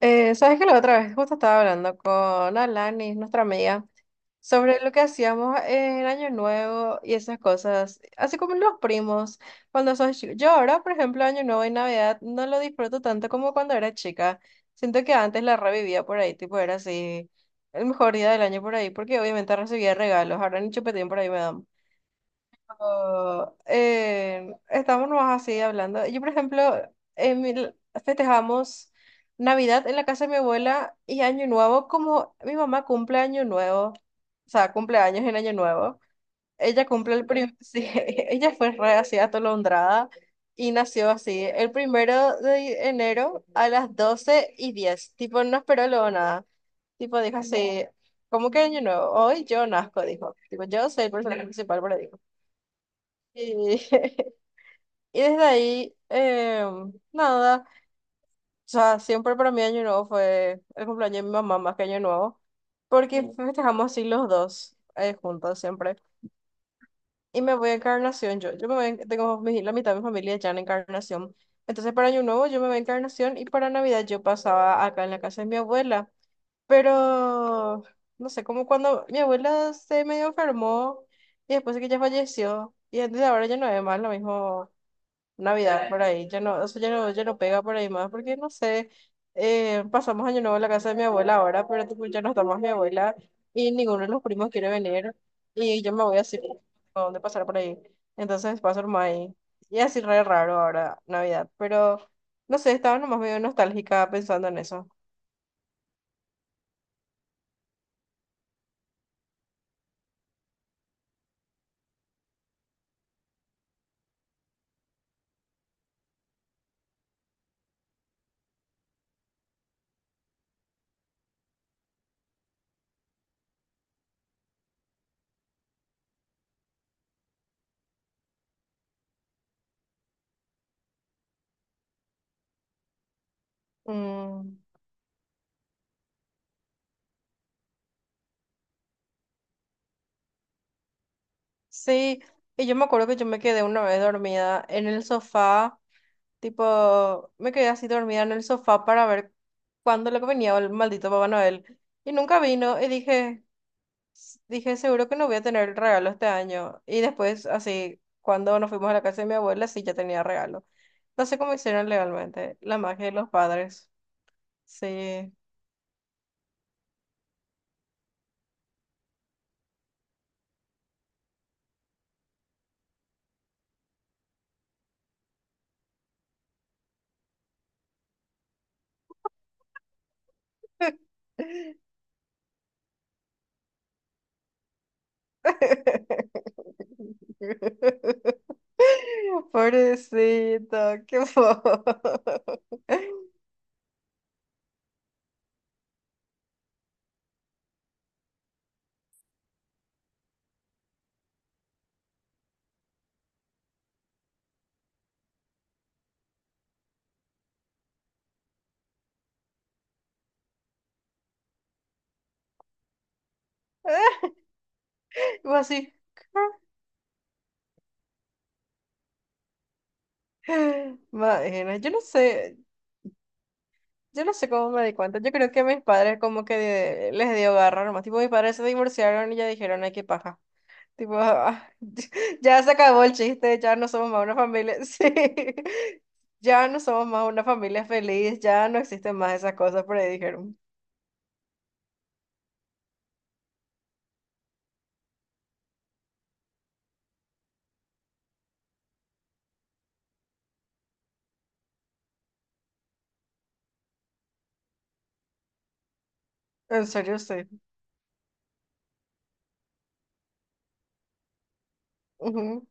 Sabes que la otra vez justo estaba hablando con Alani, nuestra amiga, sobre lo que hacíamos en Año Nuevo y esas cosas, así como los primos, cuando sos chico. Yo ahora, por ejemplo, Año Nuevo y Navidad no lo disfruto tanto como cuando era chica. Siento que antes la revivía por ahí, tipo era así, el mejor día del año por ahí, porque obviamente recibía regalos, ahora ni chupetín por ahí me dan. Oh, estamos nomás así hablando. Yo, por ejemplo, en mi- festejamos Navidad en la casa de mi abuela y Año Nuevo, como mi mamá cumple Año Nuevo, o sea, cumple años en Año Nuevo. Ella cumple el primer, Sí, ella fue re así atolondrada y nació así, el 1 de enero a las 12:10. Tipo, no esperó luego nada. Tipo, dijo así, ¿cómo que Año Nuevo? Hoy yo nazco, dijo. Tipo, yo soy el personaje principal, pero dijo. Y, y desde ahí, nada, o sea, siempre para mí Año Nuevo fue el cumpleaños de mi mamá más que Año Nuevo, porque festejamos así los dos juntos siempre. Y me voy a Encarnación, yo me voy, tengo la mitad de mi familia ya en Encarnación. Entonces para Año Nuevo yo me voy a Encarnación y para Navidad yo pasaba acá en la casa de mi abuela. Pero, no sé, como cuando mi abuela se medio enfermó y después de que ella falleció, y entonces ahora ya no es más lo mismo. Navidad por ahí, ya no, eso ya no, ya no pega por ahí más, porque no sé, pasamos año nuevo en la casa de mi abuela ahora, pero tipo, ya no está más mi abuela y ninguno de los primos quiere venir y yo me voy así, ¿a dónde pasar por ahí? Entonces paso nomás ahí. Y así re raro ahora Navidad, pero no sé, estaba nomás medio nostálgica pensando en eso. Mm, sí, y yo me acuerdo que yo me quedé una vez dormida en el sofá. Tipo, me quedé así dormida en el sofá para ver cuándo lo que venía el maldito Papá Noel. Y nunca vino y dije, dije, seguro que no voy a tener el regalo este año. Y después, así, cuando nos fuimos a la casa de mi abuela, sí, ya tenía regalo. No sé cómo hicieron legalmente. La magia de los padres. Sí. Pobrecito, qué bobo. Y vos así, ¿qué? Imagina, yo no sé. Yo no sé cómo me di cuenta. Yo creo que mis padres como que les dio garra nomás. Tipo, mis padres se divorciaron y ya dijeron, ay, qué paja. Tipo, "Ah, ya se acabó el chiste, ya no somos más una familia. Sí. Ya no somos más una familia feliz, ya no existen más esas cosas, por ahí dijeron. En serio, sí. Ujú.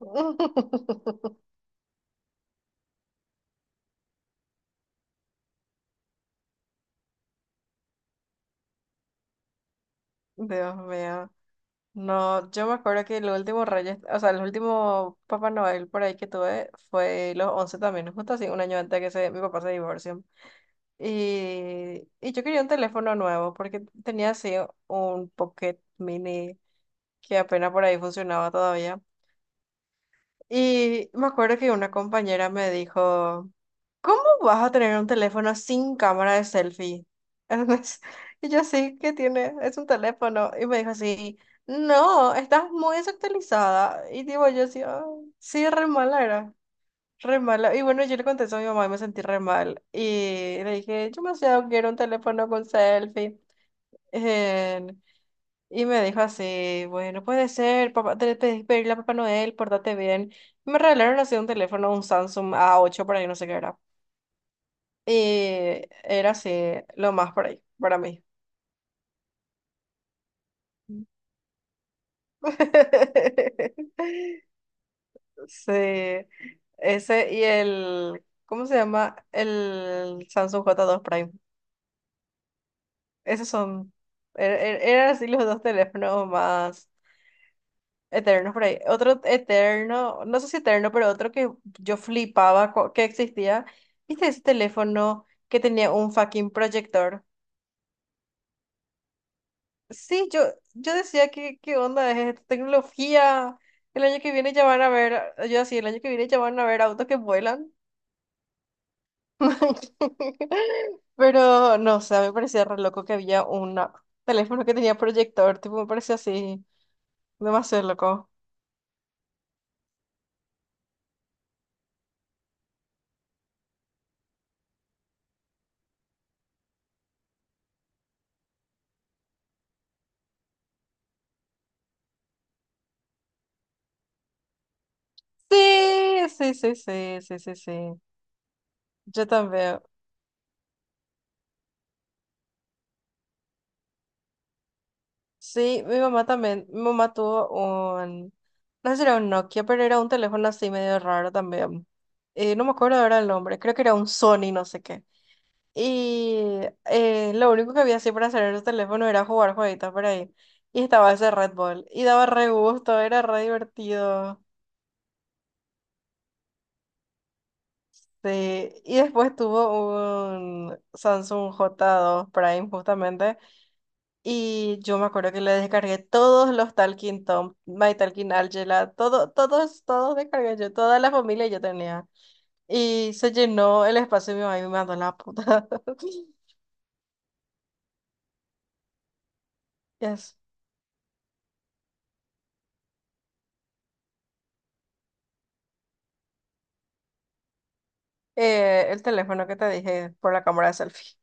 Dios mío. No, yo me acuerdo que el último Reyes, o sea, el último Papá Noel por ahí que tuve fue los 11 también, justo así, un año antes de que se, mi papá se divorcie. Y yo quería un teléfono nuevo porque tenía así un Pocket Mini que apenas por ahí funcionaba todavía. Y me acuerdo que una compañera me dijo, ¿cómo vas a tener un teléfono sin cámara de selfie? Entonces, y yo sí, ¿qué tiene? Es un teléfono. Y me dijo así, no, estás muy desactualizada. Y digo yo sí, "Ah, sí, re mala era. Re mala. Y bueno, yo le contesto a mi mamá y me sentí re mal. Y le dije, yo demasiado quiero un teléfono con selfie. Eh, y me dijo así, bueno, puede ser, papá, te pedí pedirle a Papá Noel, pórtate bien. Y me regalaron así un teléfono, un Samsung a ocho por ahí, no sé qué era. Y era así, lo más por ahí, para mí. Sí, ese y el, ¿cómo se llama? El Samsung j dos Prime. Esos son, eran así los dos teléfonos más eternos por ahí. Otro eterno, no sé si eterno, pero otro que yo flipaba que existía. ¿Viste ese teléfono que tenía un fucking proyector? Sí, yo decía, ¿qué, qué onda es esta tecnología? El año que viene ya van a ver, yo así, el año que viene ya van a ver autos que vuelan. Pero no, o sea, me parecía re loco que había un teléfono que tenía proyector, tipo, me parecía así, demasiado loco. Sí, sí, sí, sí, sí, sí, sí. Yo también. Sí, mi mamá también. Mi mamá tuvo un, no sé si era un Nokia, pero era un teléfono así medio raro también. No me acuerdo ahora el nombre, creo que era un Sony, no sé qué. Y lo único que había así para hacer en el teléfono era jugar jueguitos por ahí. Y estaba ese Red Bull. Y daba re gusto, era re divertido. Sí. Y después tuvo un Samsung J2 Prime justamente. Y yo me acuerdo que le descargué todos los Talking Tom, My Talking Angela, todo, todos descargué yo, toda la familia yo tenía. Y se llenó el espacio y mi mamá me mandó la puta. Yes. El teléfono que te dije por la cámara de selfie.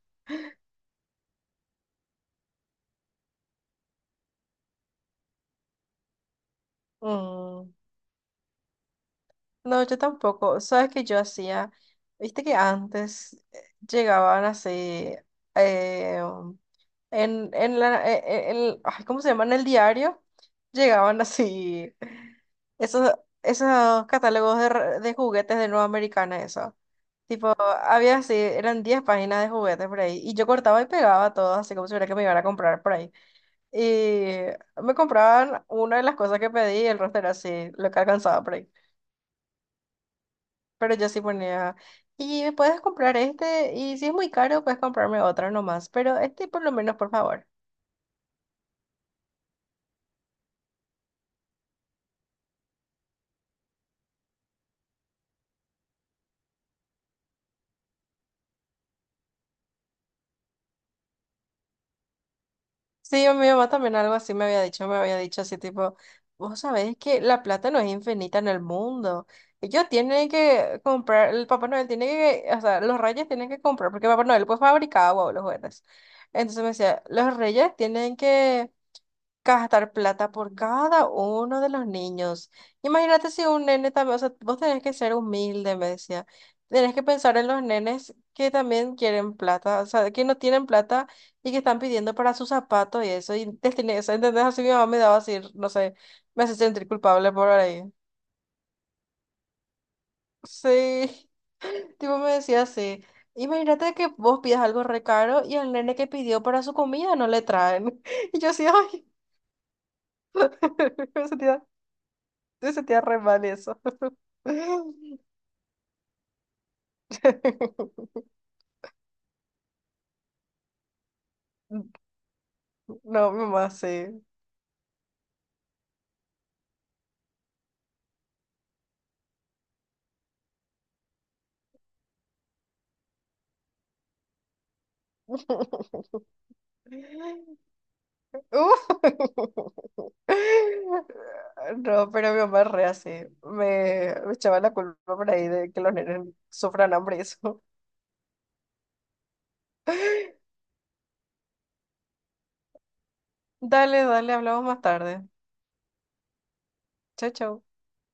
Mm. No, yo tampoco. ¿Sabes qué yo hacía? Viste que antes llegaban así eh, um, en la ay, ¿cómo se llama? En el diario llegaban así esos, esos catálogos de, de juguetes de Nueva Americana, eso. Tipo, había así, eran 10 páginas de juguetes por ahí. Y yo cortaba y pegaba todo, así como si fuera que me iban a comprar por ahí. Y me compraban una de las cosas que pedí y el resto era así, lo que alcanzaba por ahí. Pero yo sí ponía, y me puedes comprar este, y si es muy caro, puedes comprarme otro nomás, pero este por lo menos, por favor. Sí, a mi mamá también algo así me había dicho así tipo, vos sabés que la plata no es infinita en el mundo. Ellos tienen que comprar, el Papá Noel tiene que, o sea, los reyes tienen que comprar, porque Papá Noel pues fabricaba, wow, los juguetes. Entonces me decía, los reyes tienen que gastar plata por cada uno de los niños. Imagínate si un nene también, o sea, vos tenés que ser humilde, me decía. Tenés que pensar en los nenes que también quieren plata, o sea, que no tienen plata y que están pidiendo para sus zapatos y eso. Y te tenés, o sea, ¿entendés? Así mi mamá me daba así, no sé, me hace sentir culpable por ahí. Sí, tipo me decía así. Imagínate que vos pidas algo re caro y al nene que pidió para su comida no le traen. Y yo así, ay, me sentía, me sentía re mal eso. No, mamá, sí. Uh. No, pero mi mamá es re así. Me echaba la culpa por ahí de que los nenes sufran hambre y eso. Dale, dale, hablamos más tarde. Chao, chao.